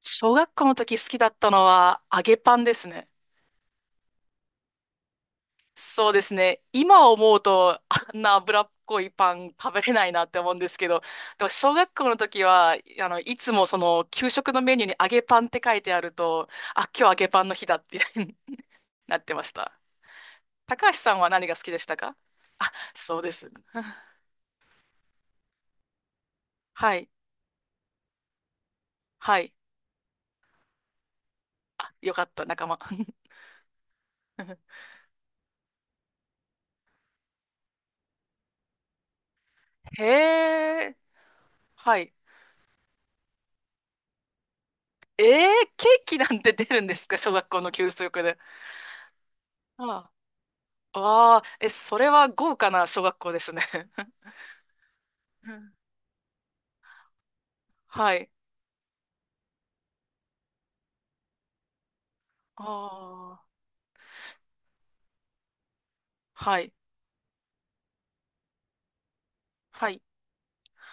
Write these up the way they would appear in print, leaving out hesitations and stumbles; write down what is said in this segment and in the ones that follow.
小学校の時好きだったのは揚げパンですね。そうですね。今思うとあんな脂っこいパン食べれないなって思うんですけど、でも小学校の時は、いつもその給食のメニューに揚げパンって書いてあると、あ、今日揚げパンの日だみたいになってました。高橋さんは何が好きでしたか？あ、そうです。はい。はい。あ、よかった、仲間。へえ。はい。えー、ケーキなんて出るんですか小学校の給食で？ああああ、え、それは豪華な小学校ですね。うん。はい。ああ、はい。はい。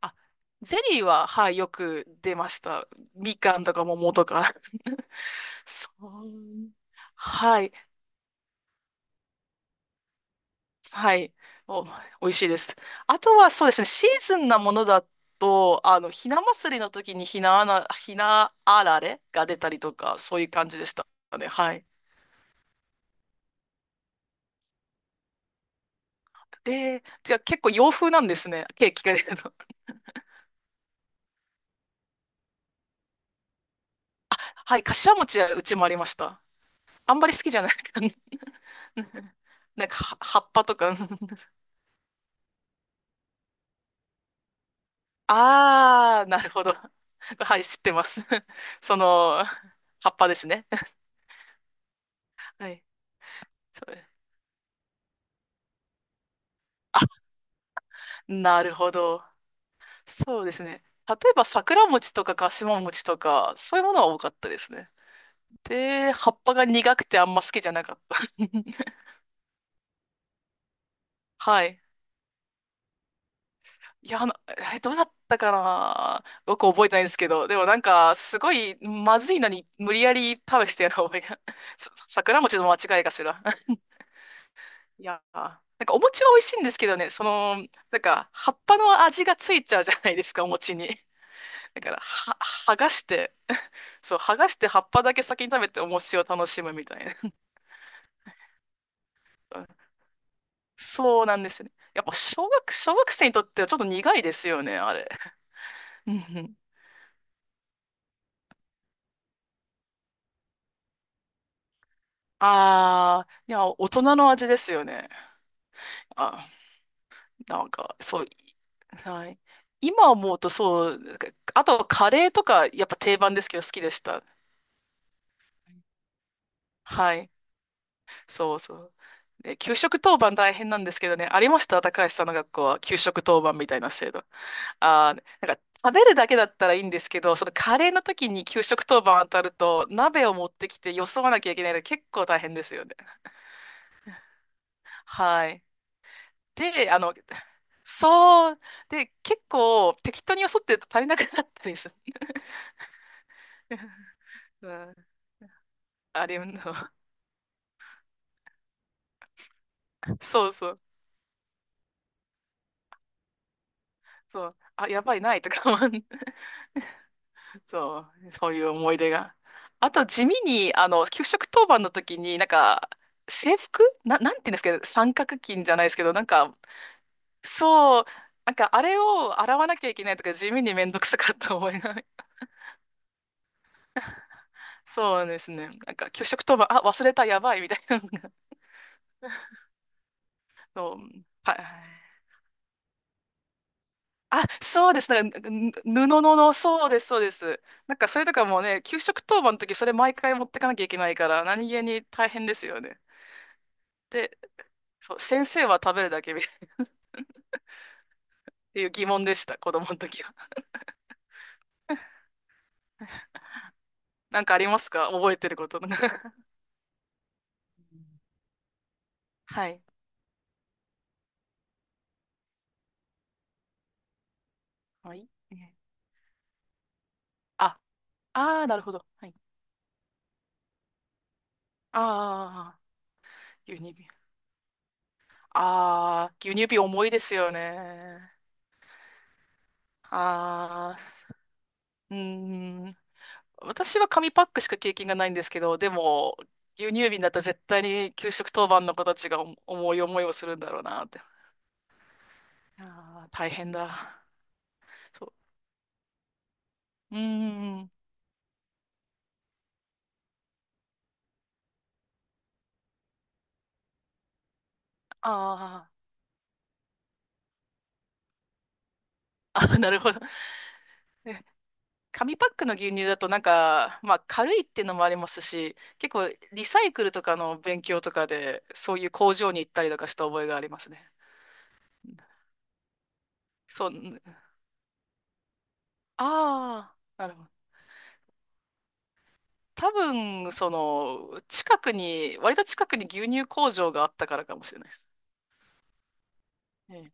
あ、ゼリーは、はい、よく出ました。みかんとか桃とか。そう。はい。はい。お、美味しいです。あとは、そうですね、シーズンなものだと、ひな祭りの時にひなあられが出たりとか、そういう感じでしたね。はい。で、じゃあ結構洋風なんですね、ケーキが出るの。はい、柏餅はうちもありました。あんまり好きじゃないかな。なんか、葉っぱとか。ああ、なるほど。はい、知ってます。その、葉っぱですね。はい。そう。あ、なるほど。そうですね。例えば、桜餅とか柏餅とか、そういうものは多かったですね。で、葉っぱが苦くてあんま好きじゃなかった。はい。いや、どうだったかなよく覚えてないんですけど、でもなんか、すごい、まずいのに、無理やり食べしてやる覚えが、桜餅の間違いかしら。いやー、なんかお餅は美味しいんですけどね、その、なんか、葉っぱの味がついちゃうじゃないですか、お餅に。だから、は、剥がして、そう、剥がして葉っぱだけ先に食べてお餅を楽しむみたいな。そうなんですね。やっぱ、小学生にとってはちょっと苦いですよね、あれ。うんうん。ああ、いや、大人の味ですよね。あ、なんか、そう、はい。今思うとそう、なんかあとはカレーとかやっぱ定番ですけど好きでした。はい。そうそう。で給食当番大変なんですけどね、ありました高橋さんの学校は給食当番みたいな制度？なんか食べるだけだったらいいんですけど、そのカレーの時に給食当番当たると鍋を持ってきてよそわなきゃいけないので結構大変ですよね。はい。で、そう、で、結構適当によそってると足りなくなったりする。あれの、そうそう、そう、あ、やばい、ないとか思う、そう、そういう思い出が。あと、地味に、給食当番の時に、なんか、制服な、なんて言うんですけど、三角巾じゃないですけど、なんか、そう、なんか、あれを洗わなきゃいけないとか、地味にめんどくさかった思いが、そうですね。なんか、給食当番、あ、忘れた、やばい、みたいなのが、そう、はい。あ、そうです。なんか、布の、そうです、そうです。なんか、それとかもうね、給食当番の時、それ毎回持ってかなきゃいけないから、何気に大変ですよね。で、そう、先生は食べるだけみたいなっていう疑問でした、子供の時は。なんかありますか覚えてること？はい。はい。あ、あー、なるほど。はい。ああ、牛乳瓶。ああ、牛乳瓶重いですよね。ああ、うーん。私は紙パックしか経験がないんですけど、でも、牛乳瓶だったら絶対に給食当番の子たちが重い思いをするんだろうなって。いやー、大変だ。そう。うーん。あーあ、なるほど。え紙パックの牛乳だとなんか、まあ軽いっていうのもありますし、結構リサイクルとかの勉強とかで、そういう工場に行ったりとかした覚えがありますね。そう。ああ、なるほど。多分、その、近くに、割と近くに牛乳工場があったからかもしれないです。ええ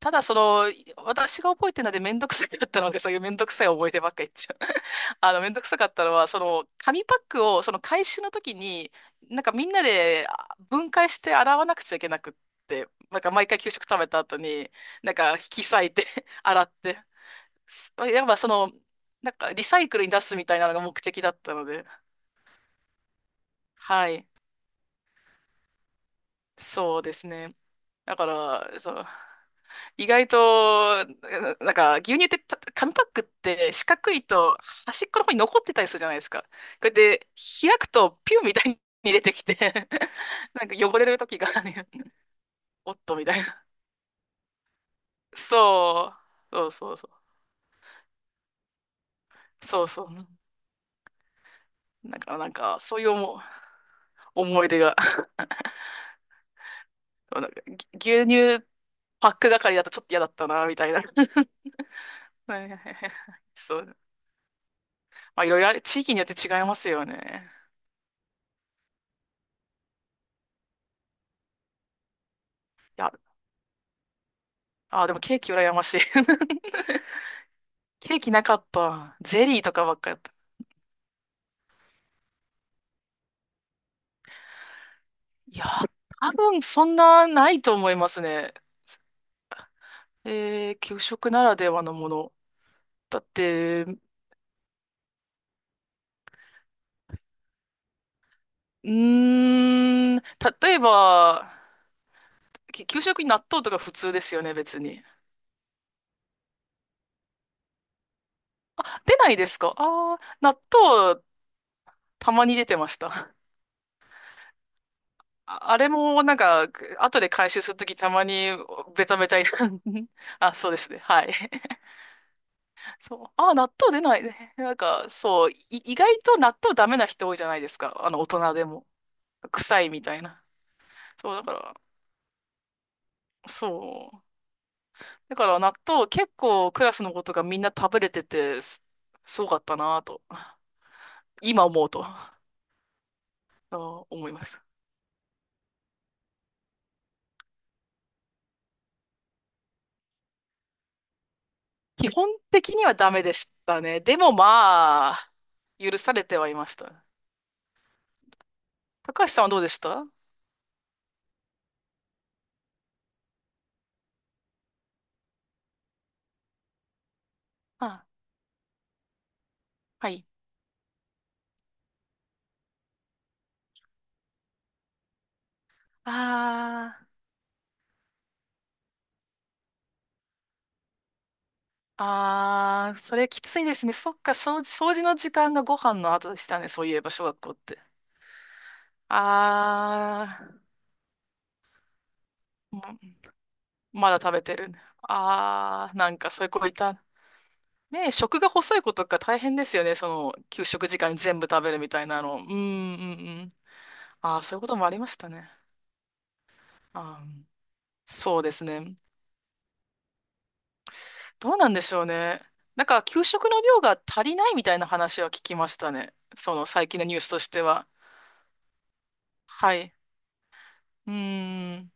ただ、その、私が覚えてるのでめんどくさかったので、そういうめんどくさい思い出ばっかり言っちゃう。めんどくさかったのは、その、紙パックを、その回収の時に、なんかみんなで分解して洗わなくちゃいけなくって、なんか毎回給食食べた後に、なんか引き裂いて 洗って、やっぱその、なんかリサイクルに出すみたいなのが目的だったので、はい、そうですね。だから、そう、意外と、なんか、牛乳ってた、紙パックって四角いと端っこの方に残ってたりするじゃないですか。これで開くとピュンみたいに出てきて なんか汚れる時があるね、おっとみたいな。そう、そうそうそう。そうそう。だからなんか、そういう思い出が。そうなんか牛乳パック係だとちょっと嫌だったな、みたいな。はいはいはいはいそう。まあ、いろいろあれ、地域によって違いますよね。いや、でもケーキ羨ましい。ケーキなかった。ゼリーとかばっかやった。いや、多分そんなないと思いますね。えー、給食ならではのもの。だって、うーん、例えば、給食に納豆とか普通ですよね、別に。出ないですか？ああー、納豆たまに出てました。あれもなんか、後で回収するときたまにベタベタに あ、そうですね。はい。そう。ああ、納豆出ないね。なんか、そう、意外と納豆ダメな人多いじゃないですか。大人でも。臭いみたいな。そう、だから、そう。だから納豆結構クラスの子とかみんな食べれてて、すごかったなぁと、今思うと、思います。基本的にはダメでしたね。でもまあ、許されてはいました。高橋さんはどうでした？あ、はい。ああ。ああ、それきついですね。そっか、掃除の時間がご飯の後でしたね。そういえば、小学校って。ああ、まだ食べてる。ああ、なんかそういう子いた。ねえ、食が細い子とか大変ですよね。その、給食時間に全部食べるみたいなの。うん、うん、うん。ああ、そういうこともありましたね。ああ、そうですね。どうなんでしょうね。なんか、給食の量が足りないみたいな話は聞きましたね。その、最近のニュースとしては。はい。うーん。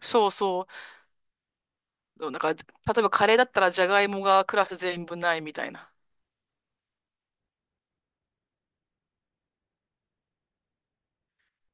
そうそう。なんか、例えばカレーだったらじゃがいもがクラス全部ないみたいな。